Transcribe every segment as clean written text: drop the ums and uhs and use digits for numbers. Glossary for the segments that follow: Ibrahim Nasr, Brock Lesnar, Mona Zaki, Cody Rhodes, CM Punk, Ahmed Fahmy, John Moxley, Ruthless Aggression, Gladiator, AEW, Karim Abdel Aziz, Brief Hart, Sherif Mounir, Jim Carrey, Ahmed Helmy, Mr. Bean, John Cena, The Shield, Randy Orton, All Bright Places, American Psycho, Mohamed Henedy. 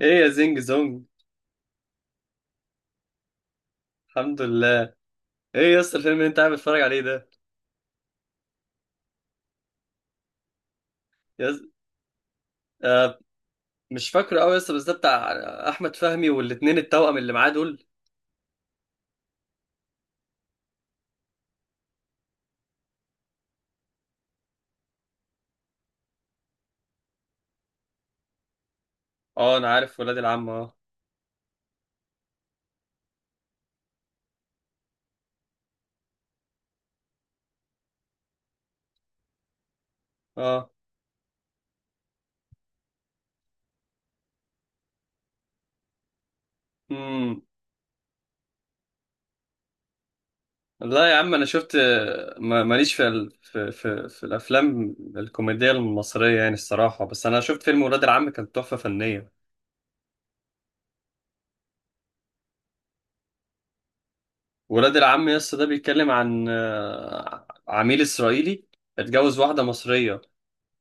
ايه يا زينج زونج. الحمد لله. ايه يا اسطى الفيلم اللي انت قاعد بتتفرج عليه ده؟ يا اسطى، آه مش فاكره قوي يا اسطى، بس ده بتاع احمد فهمي والاتنين التوأم اللي معاه دول. اه، انا عارف ولاد العم اه. اه. امم لا يا عم، انا شفت. ماليش في ال... في... في في الافلام الكوميديه المصريه يعني الصراحه، بس انا شفت فيلم ولاد العم كان تحفه فنيه. ولاد العم يا اسطى ده بيتكلم عن عميل اسرائيلي، اتجوز واحده مصريه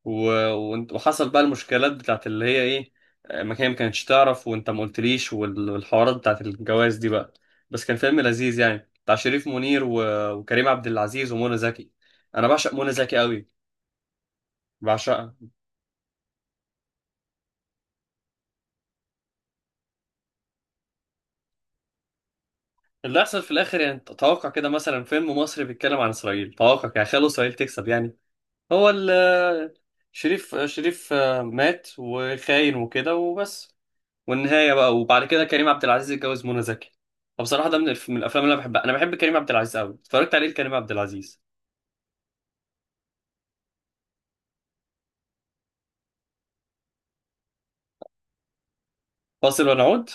و... وحصل بقى المشكلات بتاعت اللي هي ايه، ما كانتش تعرف وانت ما قلتليش، والحوارات بتاعت الجواز دي بقى. بس كان فيلم لذيذ يعني، بتاع شريف منير وكريم عبد العزيز ومنى زكي. انا بعشق منى زكي قوي، بعشقها. اللي حصل في الاخر يعني، توقع كده مثلا فيلم مصري بيتكلم عن اسرائيل، توقع يعني خلوا اسرائيل تكسب يعني؟ هو ال شريف مات وخاين وكده وبس. والنهايه بقى وبعد كده كريم عبد العزيز اتجوز منى زكي. فبصراحه ده من الافلام اللي انا بحبها، انا بحب كريم عبد العزيز قوي، اتفرجت عليه كريم عبد العزيز. فاصل ونعود.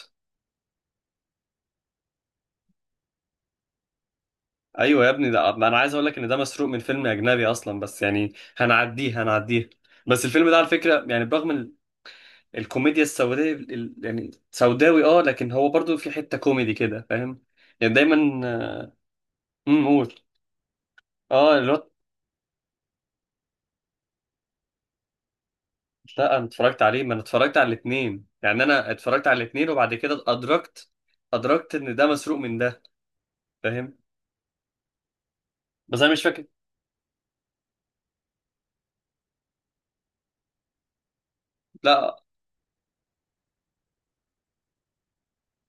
ايوه يا ابني، ده انا عايز اقول لك ان ده مسروق من فيلم اجنبي اصلا، بس يعني هنعديه هنعديه. بس الفيلم ده على فكره يعني، برغم الكوميديا السوداء يعني سوداوي اه، لكن هو برضو في حته كوميدي كده فاهم؟ يعني دايما. قول. اه، اللي هو. لا، انا اتفرجت عليه، ما انا اتفرجت على الاثنين يعني، انا اتفرجت على الاثنين وبعد كده ادركت. ان ده مسروق من ده، فاهم؟ بس انا مش فاكر. لا،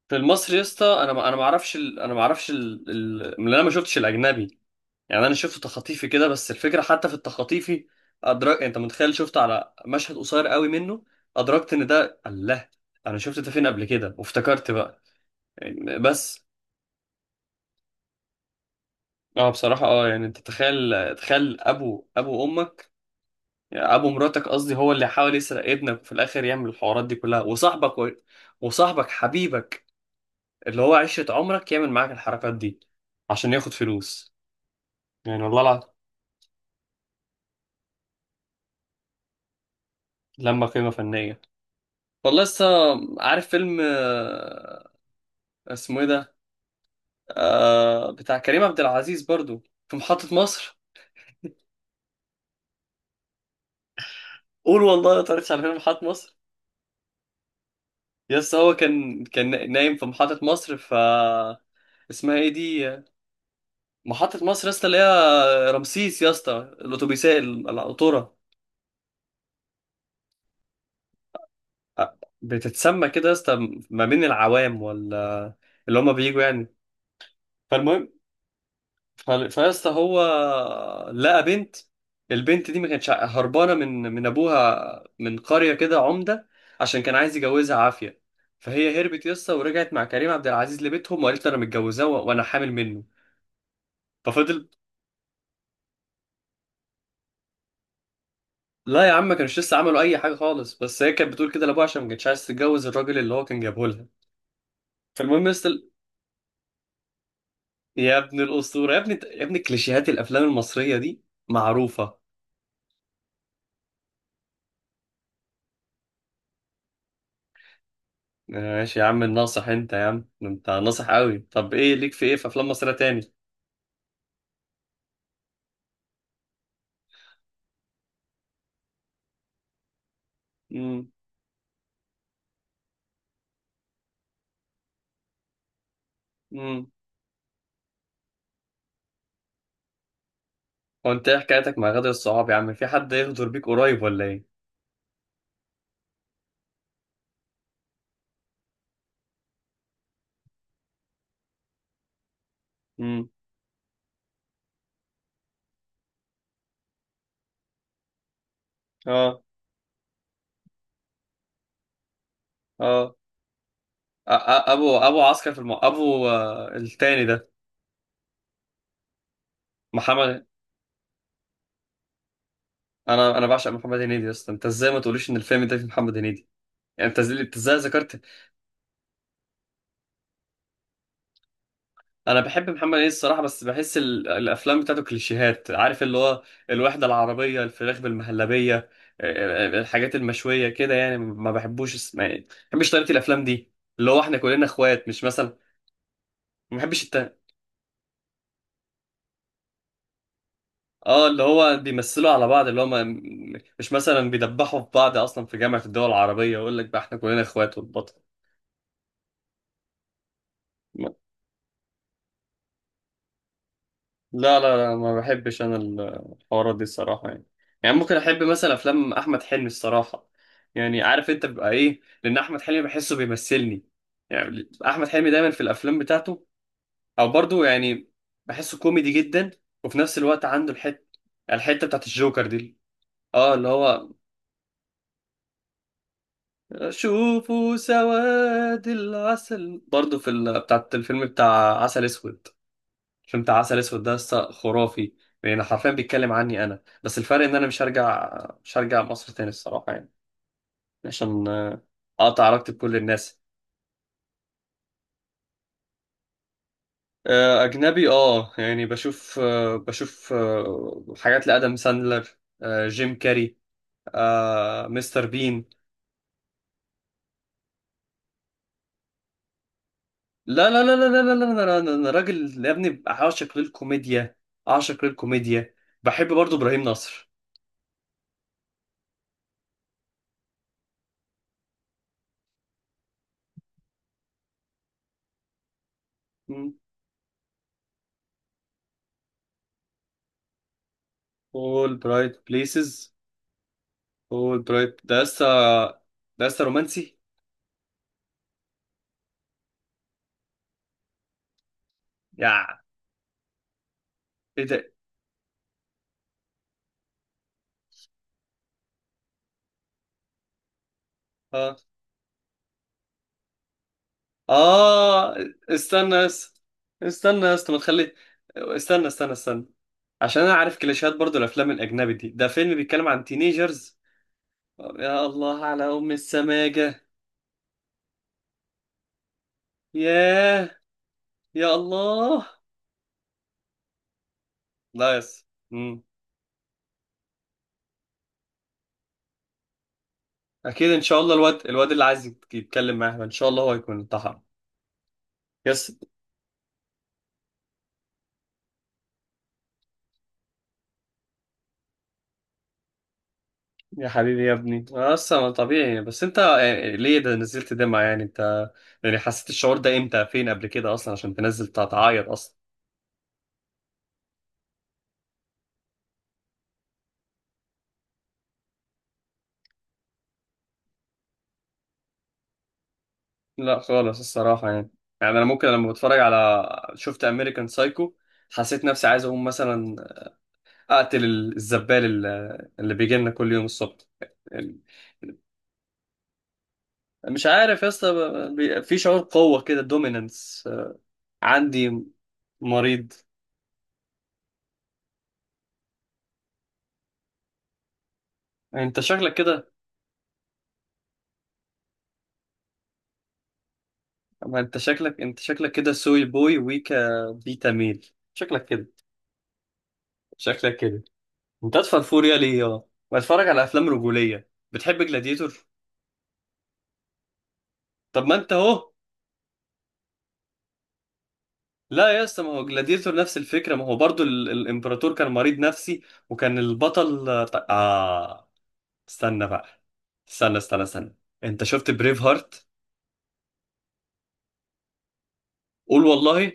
في المصري يا اسطى انا ما اعرفش ال... ال... من انا ما شفتش الاجنبي. يعني انا شفت تخاطيفي كده بس الفكره، حتى في التخاطيفي ادرك انت متخيل، شفت على مشهد قصير قوي منه، ادركت ان ده الله، انا شفت ده فين قبل كده؟ وافتكرت بقى يعني بس. اه بصراحه، اه يعني انت تخيل، تخيل ابو امك، يعني ابو مراتك قصدي، هو اللي حاول يسرق ابنك، وفي الاخر يعمل الحوارات دي كلها، وصاحبك حبيبك اللي هو عشرة عمرك يعمل معاك الحركات دي عشان ياخد فلوس. يعني والله العظيم لما قيمة فنية، والله لسه. عارف فيلم اسمه ايه ده؟ بتاع كريم عبد العزيز برضو، في محطة مصر. قول والله ما اتفرجتش على فيلم محطة مصر؟ يس، هو كان نايم في محطة مصر ف، اسمها ايه دي؟ محطة مصر يا اسطى، اللي هي رمسيس يا اسطى، الأتوبيسات القطورة. بتتسمى كده يا اسطى ما بين العوام ولا؟ اللي هما بييجوا يعني. فالمهم، فيا اسطى، هو لقى بنت، البنت دي ما كانتش هربانة من أبوها، من قرية كده عمدة، عشان كان عايز يجوزها عافية. فهي هربت يا اسطى ورجعت مع كريم عبد العزيز لبيتهم، وقالت له أنا متجوزاه وأنا حامل منه. ففضل. لا يا عم، ما كانش لسه عملوا اي حاجه خالص، بس هي كانت بتقول كده لابوها عشان ما كانتش عايز تتجوز الراجل اللي هو كان جابه لها. فالمهم يا اسطى- يا ابن الاسطوره، يا ابن كليشيهات الافلام المصريه دي معروفه. ماشي يا عم الناصح، انت يا عم انت ناصح قوي. طب ايه ليك في ايه، في افلام مصريه تاني؟ امم. امم. هو انت ايه حكايتك مع غادة الصعاب يا عم؟ في حد يغدر بيك قريب ولا ايه؟ امم. اه. اه. ابو عسكر في ابو التاني ده. محمد. انا بعشق محمد هنيدي يا اسطى، انت ازاي ما تقوليش ان الفيلم ده فيه محمد هنيدي؟ يعني انت ازاي أنت إزاي ذكرت. انا بحب محمد هنيدي الصراحه، بس بحس الافلام بتاعته كليشيهات، عارف اللي هو الوحده العربيه، الفراخ بالمهلبيه، الحاجات المشويه كده يعني، ما بحبوش يعني ما بحبش طريقه الافلام دي، اللي هو احنا كلنا اخوات، مش مثلا ما بحبش الت... اه اللي هو بيمثلوا على بعض، اللي هو ما... مش مثلا بيدبحوا في بعض اصلا في جامعه الدول العربيه ويقول لك بقى احنا كلنا اخوات والبطل. لا لا لا، ما بحبش انا الحوارات دي الصراحه يعني ممكن احب مثلا افلام احمد حلمي الصراحه، يعني عارف انت بيبقى ايه، لان احمد حلمي بحسه بيمثلني يعني، احمد حلمي دايما في الافلام بتاعته او برضه يعني بحسه كوميدي جدا، وفي نفس الوقت عنده الحته، بتاعت الجوكر دي. اه اللي هو، شوفوا سواد العسل برضه في بتاعت الفيلم بتاع عسل اسود. فيلم بتاع عسل اسود ده لسه خرافي، يعني حرفيا بيتكلم عني انا، بس الفرق ان انا مش هرجع مصر تاني الصراحه يعني، عشان اقطع علاقتي بكل الناس. اجنبي اه، يعني بشوف حاجات لادم ساندلر، جيم كاري، مستر بين. لا لا لا لا لا لا لا لا لا، انا راجل يا ابني، عاشق للكوميديا، عاشق للكوميديا. بحب برضو ابراهيم نصر. مم. all bright places. اول برايت ده لسه، رومانسي. يا، ايه ده؟ اه. اه. استنى بس استنى بس ما تخلي. استنى، عشان انا عارف كليشيهات برضو الافلام الاجنبي دي، ده فيلم بيتكلم عن تينيجرز. يا الله على ام السماجه. ياه. يا الله. لا. يس. مم. اكيد ان شاء الله، الواد اللي عايز يتكلم معاه ان شاء الله هو هيكون انتحر. يس. يا حبيبي يا ابني، أنا اصلا طبيعي، بس انت يعني ليه ده نزلت دمعة يعني انت؟ يعني حسيت الشعور ده امتى، فين قبل كده اصلا عشان تنزل تعيط اصلا؟ لا خالص الصراحة يعني. يعني انا ممكن لما بتفرج على، شفت امريكان سايكو، حسيت نفسي عايز اقوم مثلا اقتل الزبال اللي بيجي لنا كل يوم الصبح يعني. مش عارف يا اسطى، في شعور قوة كده دوميننس. عندي، مريض. انت شكلك كده. ما انت شكلك، كده سوي بوي ويكا، بيتا ميل، شكلك كده، شكلك كده. انت ادفع فوريا ليه يا؟ بتفرج على افلام رجوليه، بتحب جلاديتور؟ طب ما انت اهو. لا يا اسطى، ما هو جلاديتور نفس الفكره، ما هو برضو الامبراطور كان مريض نفسي، وكان البطل اه. استنى بقى، استنى. انت شفت بريف هارت؟ قول والله.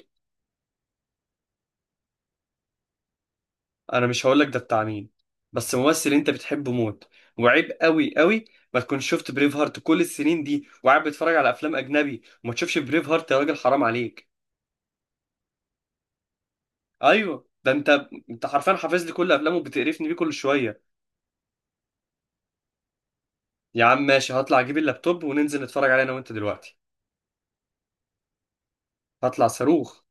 انا مش هقولك ده بتاع مين، بس ممثل انت بتحبه موت، وعيب قوي قوي ما تكونش شفت بريف هارت كل السنين دي وقاعد بتتفرج على افلام اجنبي وما تشوفش بريف هارت، يا راجل حرام عليك. ايوه، ده انت، حرفيا حافظ لي كل افلامه وبتقرفني بيه كل شويه. يا عم ماشي، هطلع اجيب اللابتوب وننزل نتفرج عليه انا وانت دلوقتي. هطلع صاروخ.